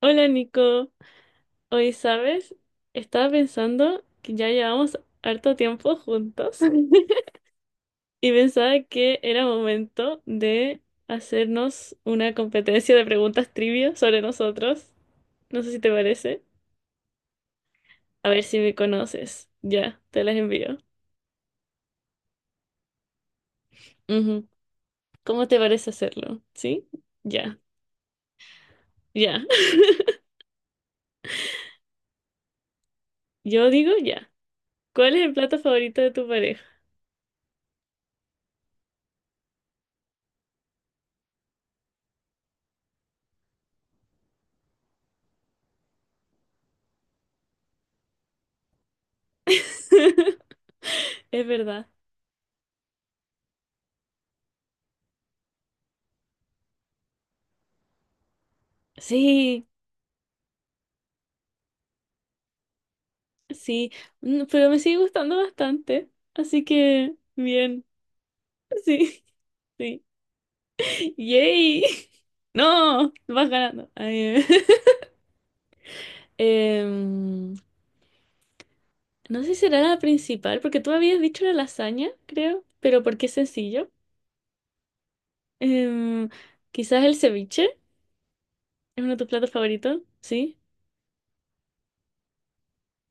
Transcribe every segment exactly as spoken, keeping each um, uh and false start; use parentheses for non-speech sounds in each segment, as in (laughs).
Hola Nico, hoy sabes, estaba pensando que ya llevamos harto tiempo juntos (laughs) y pensaba que era momento de hacernos una competencia de preguntas trivia sobre nosotros. No sé si te parece. A ver si me conoces. Ya, te las envío. Ujú. ¿Cómo te parece hacerlo? ¿Sí? Ya, ya. (laughs) Yo digo ya. ¿Cuál es el plato favorito de tu pareja? (laughs) Es verdad. Sí. Sí, mm, pero me sigue gustando bastante. Así que, bien. Sí, (laughs) sí. ¡Yay! (laughs) ¡No! Vas ganando. Ay, eh. (laughs) Em, no sé si será la principal, porque tú habías dicho la lasaña, creo, pero porque es sencillo. Em, Quizás el ceviche es uno de tus platos favoritos, ¿sí?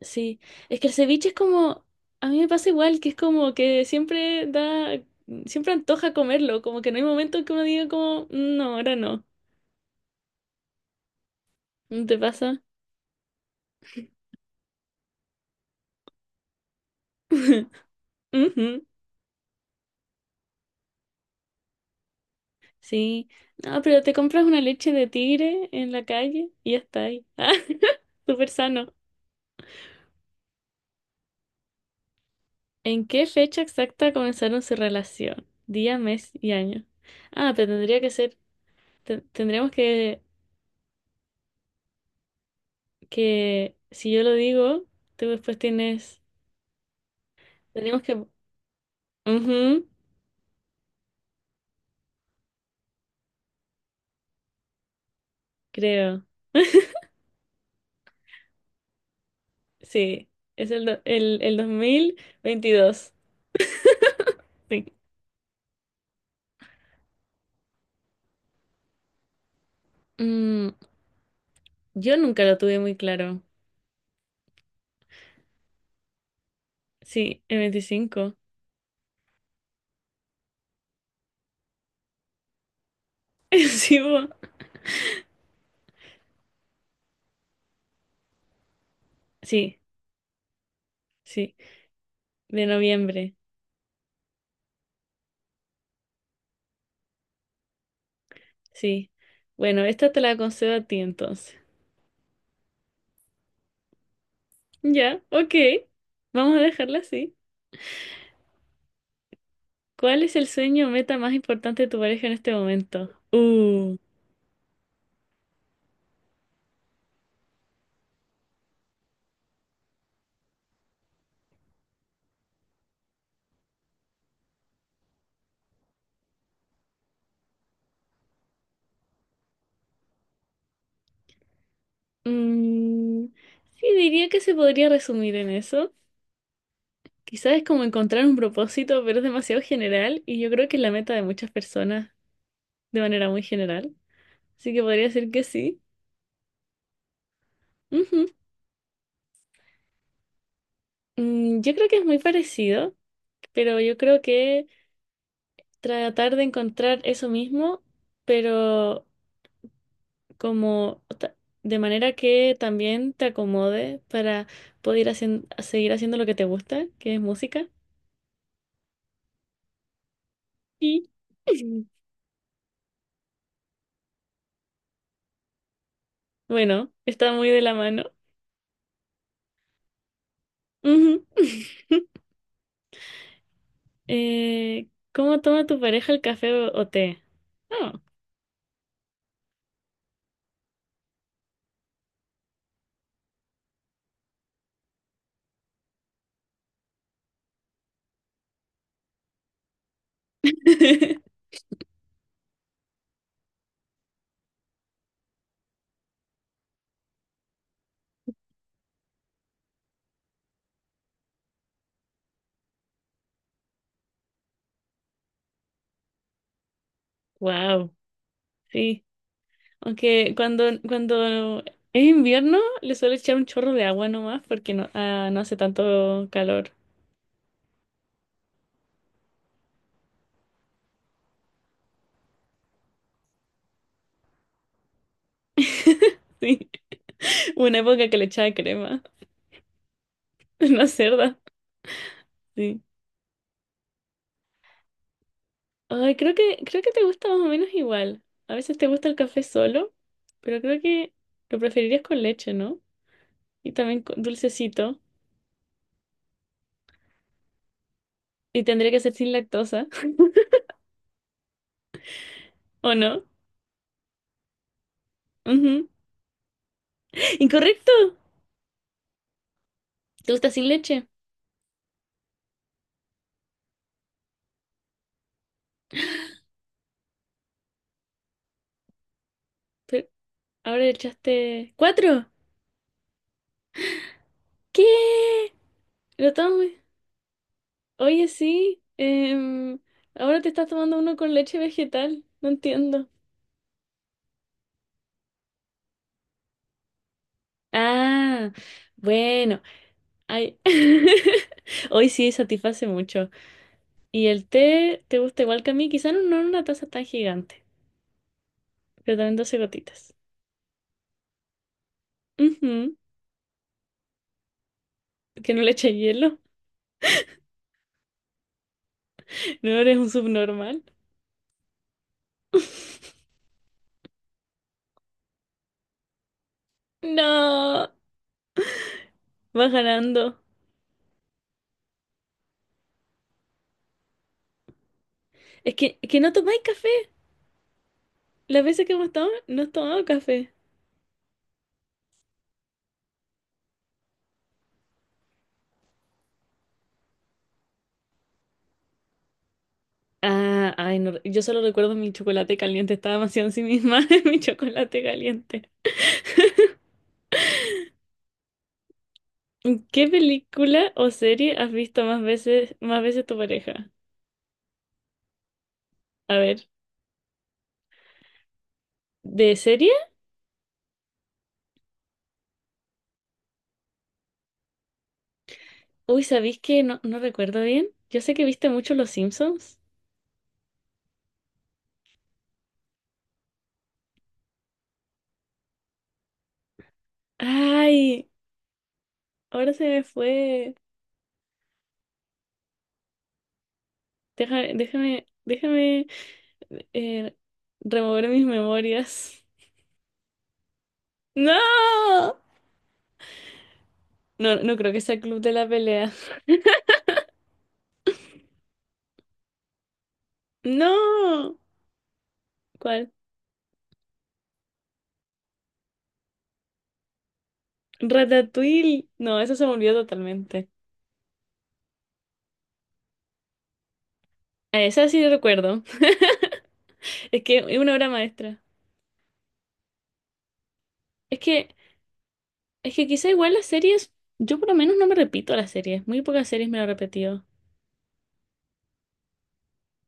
Sí. Es que el ceviche es como, a mí me pasa igual, que es como que siempre da, siempre antoja comerlo, como que no hay momento que uno diga como, no, ahora no. ¿No te pasa? (laughs) Ujú, sí. No, pero te compras una leche de tigre en la calle y ya está ahí. (laughs) Ah, súper sano. ¿En qué fecha exacta comenzaron su relación? Día, mes y año. Ah, pero tendría que ser, te- tendríamos que, que, si yo lo digo, tú después tienes, tendríamos que, ujú, creo. (laughs) Sí, es el, do- el, el dos mil veintidós. Sí. Mm, yo nunca lo tuve muy claro. Sí, el veinticinco, (laughs) sí, po. Sí, sí, de noviembre. Sí. Bueno, esta te la concedo a ti entonces. Ya, ok. Vamos a dejarla así. ¿Cuál es el sueño o meta más importante de tu pareja en este momento? Uh. mm, sí, diría que se podría resumir en eso. Quizás es como encontrar un propósito, pero es demasiado general y yo creo que es la meta de muchas personas de manera muy general. Así que podría ser que sí. Ujú. Mm, yo creo que es muy parecido. Pero yo creo que tratar de encontrar eso mismo, pero como ta- de manera que también te acomode para poder hacen- seguir haciendo lo que te gusta, que es música. Y (laughs) bueno, está muy de la mano. Ujú. (laughs) Eh, ¿cómo toma tu pareja el café o, o té? Oh. (laughs) Wow, sí. Aunque cuando, cuando es invierno le suelo echar un chorro de agua nomás porque no, ah, no hace tanto calor. Sí. (laughs) Hubo una época que le echaba crema. (laughs) Una cerda. Sí. Ay, creo que, creo que te gusta más o menos igual. A veces te gusta el café solo, pero creo que lo preferirías con leche, ¿no? Y también con dulcecito. Y tendría que ser sin lactosa, (laughs) ¿o no? Ujú. Incorrecto. ¿Te gusta sin leche? Pero ahora le echaste cuatro. ¿Qué? Lo tomo. Oye, sí, em, ahora te estás tomando uno con leche vegetal, no entiendo. Ah, bueno, ay, (laughs) hoy sí satisface mucho. Y el té te gusta igual que a mí, quizás no no en una taza tan gigante, pero también doce gotitas. Ujú. Que no le eche hielo, (laughs) no eres un subnormal. (laughs) No, vas ganando. Es que, que no tomáis café. Las veces que hemos estado, no has tomado café. Ah, ay, no, yo solo recuerdo mi chocolate caliente, estaba demasiado en sí misma (laughs) en mi chocolate caliente. ¿Qué película o serie has visto más veces, más veces tu pareja? A ver, ¿de serie? Uy, ¿sabéis que no, no recuerdo bien? Yo sé que viste mucho Los Simpsons. Ay, ahora se me fue. Déjame, déjame, déjame eh, remover mis memorias. (laughs) ¡No! No, no creo que sea Club de la Pelea. (laughs) ¡No! ¿Cuál? Ratatouille. No, eso se me olvidó totalmente. A esa sí recuerdo. (laughs) Es que es una obra maestra. Es que, es que quizá igual las series, yo por lo menos no me repito las series. Muy pocas series me lo he repetido.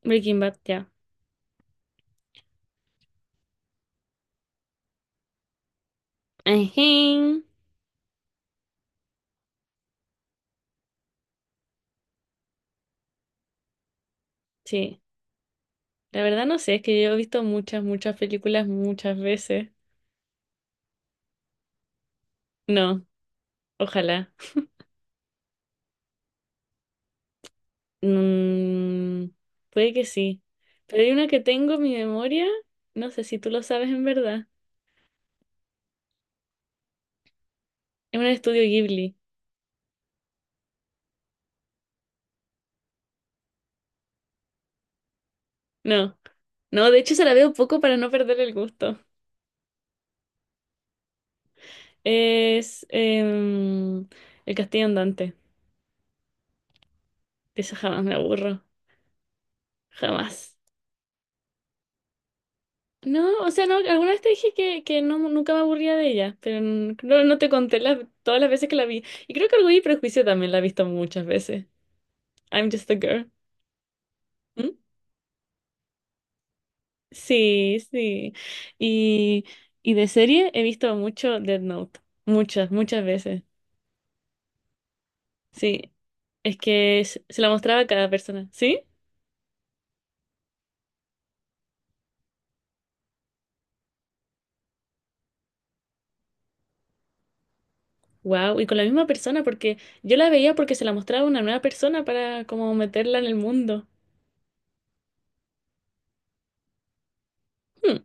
Breaking Bad, ya. Ajín. Sí. La verdad no sé, es que yo he visto muchas, muchas películas muchas veces. No, ojalá. Mm, puede que sí. Pero hay una que tengo en mi memoria. No sé si tú lo sabes en verdad. Es un estudio Ghibli. No, no, de hecho se la veo poco para no perder el gusto. Es em, El Castillo Andante. De esa jamás me aburro. Jamás. No, o sea, no, alguna vez te dije que, que no, nunca me aburría de ella, pero n- no, no te conté las, todas las veces que la vi. Y creo que Orgullo y Prejuicio también la he visto muchas veces. I'm just a girl. ¿Mm? Sí, sí. Y, y de serie he visto mucho Dead Note. Muchas, muchas veces. Sí. Es que se se la mostraba a cada persona. ¿Sí? Wow, y con la misma persona, porque yo la veía porque se la mostraba a una nueva persona para como meterla en el mundo. Hmm.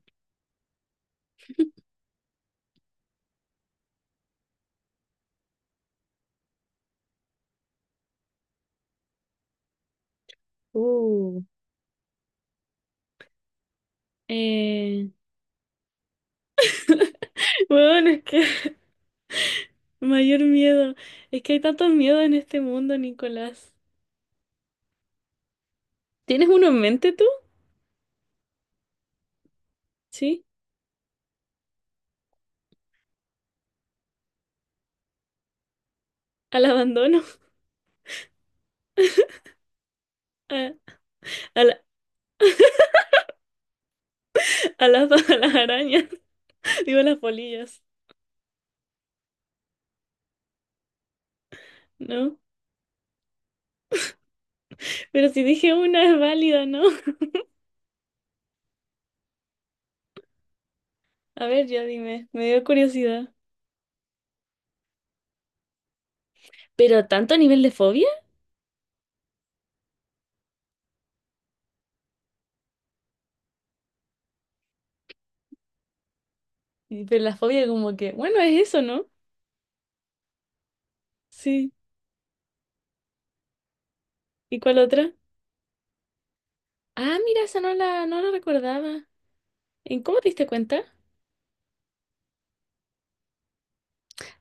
Uh. Eh, (laughs) bueno, es que (laughs) mayor miedo. Es que hay tantos miedos en este mundo, Nicolás. ¿Tienes uno en mente tú? Sí, al abandono, (laughs) a, a la- a las, (laughs) a las arañas, (laughs) digo a las polillas, ¿no? Pero si dije una es válida, ¿no? (laughs) A ver, ya dime, me dio curiosidad. ¿Pero tanto a nivel de fobia? Y- Pero la fobia como que, bueno, es eso, ¿no? Sí. ¿Y cuál otra? Ah, mira, esa no la, no la recordaba. ¿En cómo te diste cuenta?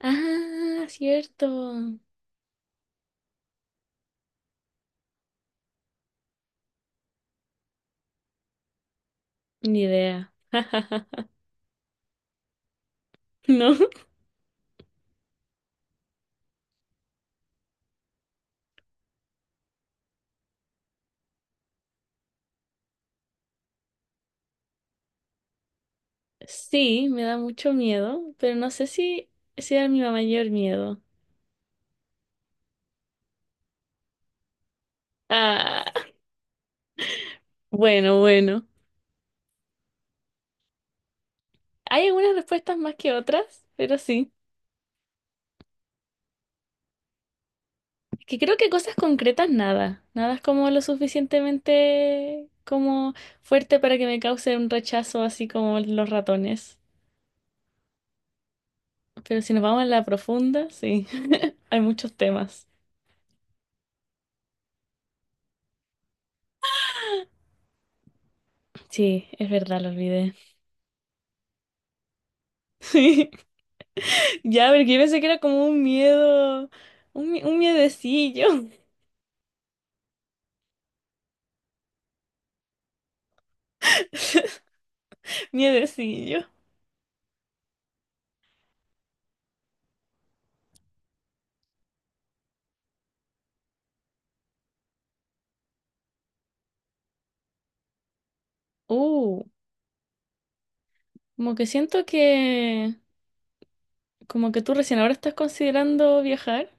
Ah, cierto. Ni idea. (laughs) ¿No? Sí, me da mucho miedo, pero no sé si, si era mi mayor miedo. Ah, bueno, bueno. Hay algunas respuestas más que otras, pero sí. Es que creo que cosas concretas nada. Nada es como lo suficientemente como fuerte para que me cause un rechazo así como los ratones. Pero si nos vamos a la profunda, sí, (laughs) hay muchos temas. Sí, es verdad, lo olvidé. (laughs) Sí, ya, porque yo pensé que era como un miedo, un, mi- un miedecillo, (laughs) miedecillo. Uh, como que siento que, como que tú recién ahora estás considerando viajar,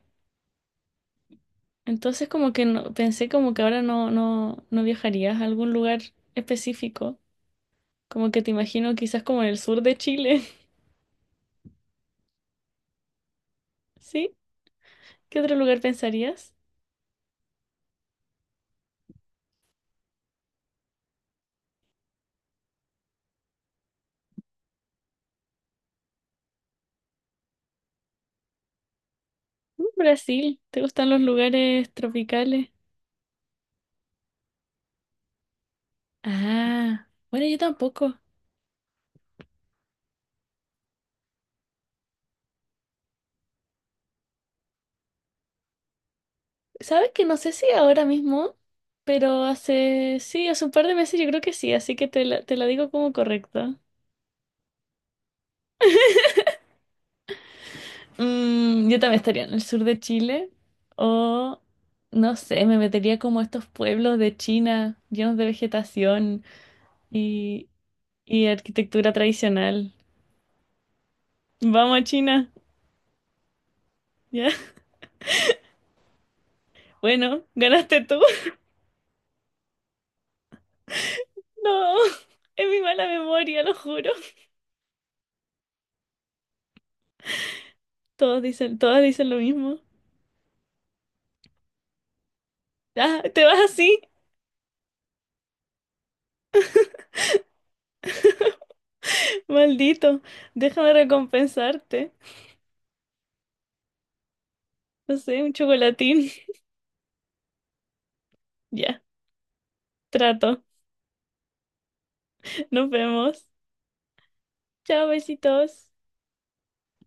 entonces como que no, pensé como que ahora no, no, no viajarías a algún lugar específico, como que te imagino quizás como en el sur de Chile, (laughs) ¿sí? ¿Qué otro lugar pensarías? Mm, Brasil, ¿te gustan los lugares tropicales? Ah, bueno, yo tampoco. ¿Sabes que no sé si ahora mismo, pero hace, sí, hace un par de meses yo creo que sí, así que te la, te la digo como correcta. Mm, yo también estaría en el sur de Chile o, no sé, me metería como a estos pueblos de China llenos de vegetación y, y arquitectura tradicional. Vamos a China, ¿ya? (laughs) Bueno, ganaste tú. (laughs) No, es mi mala memoria, lo juro. Todos dicen, todas dicen lo mismo. Ah, te vas así, maldito. Déjame recompensarte. No sé, un chocolatín. (laughs) Ya, trato. Nos vemos. Chao, besitos.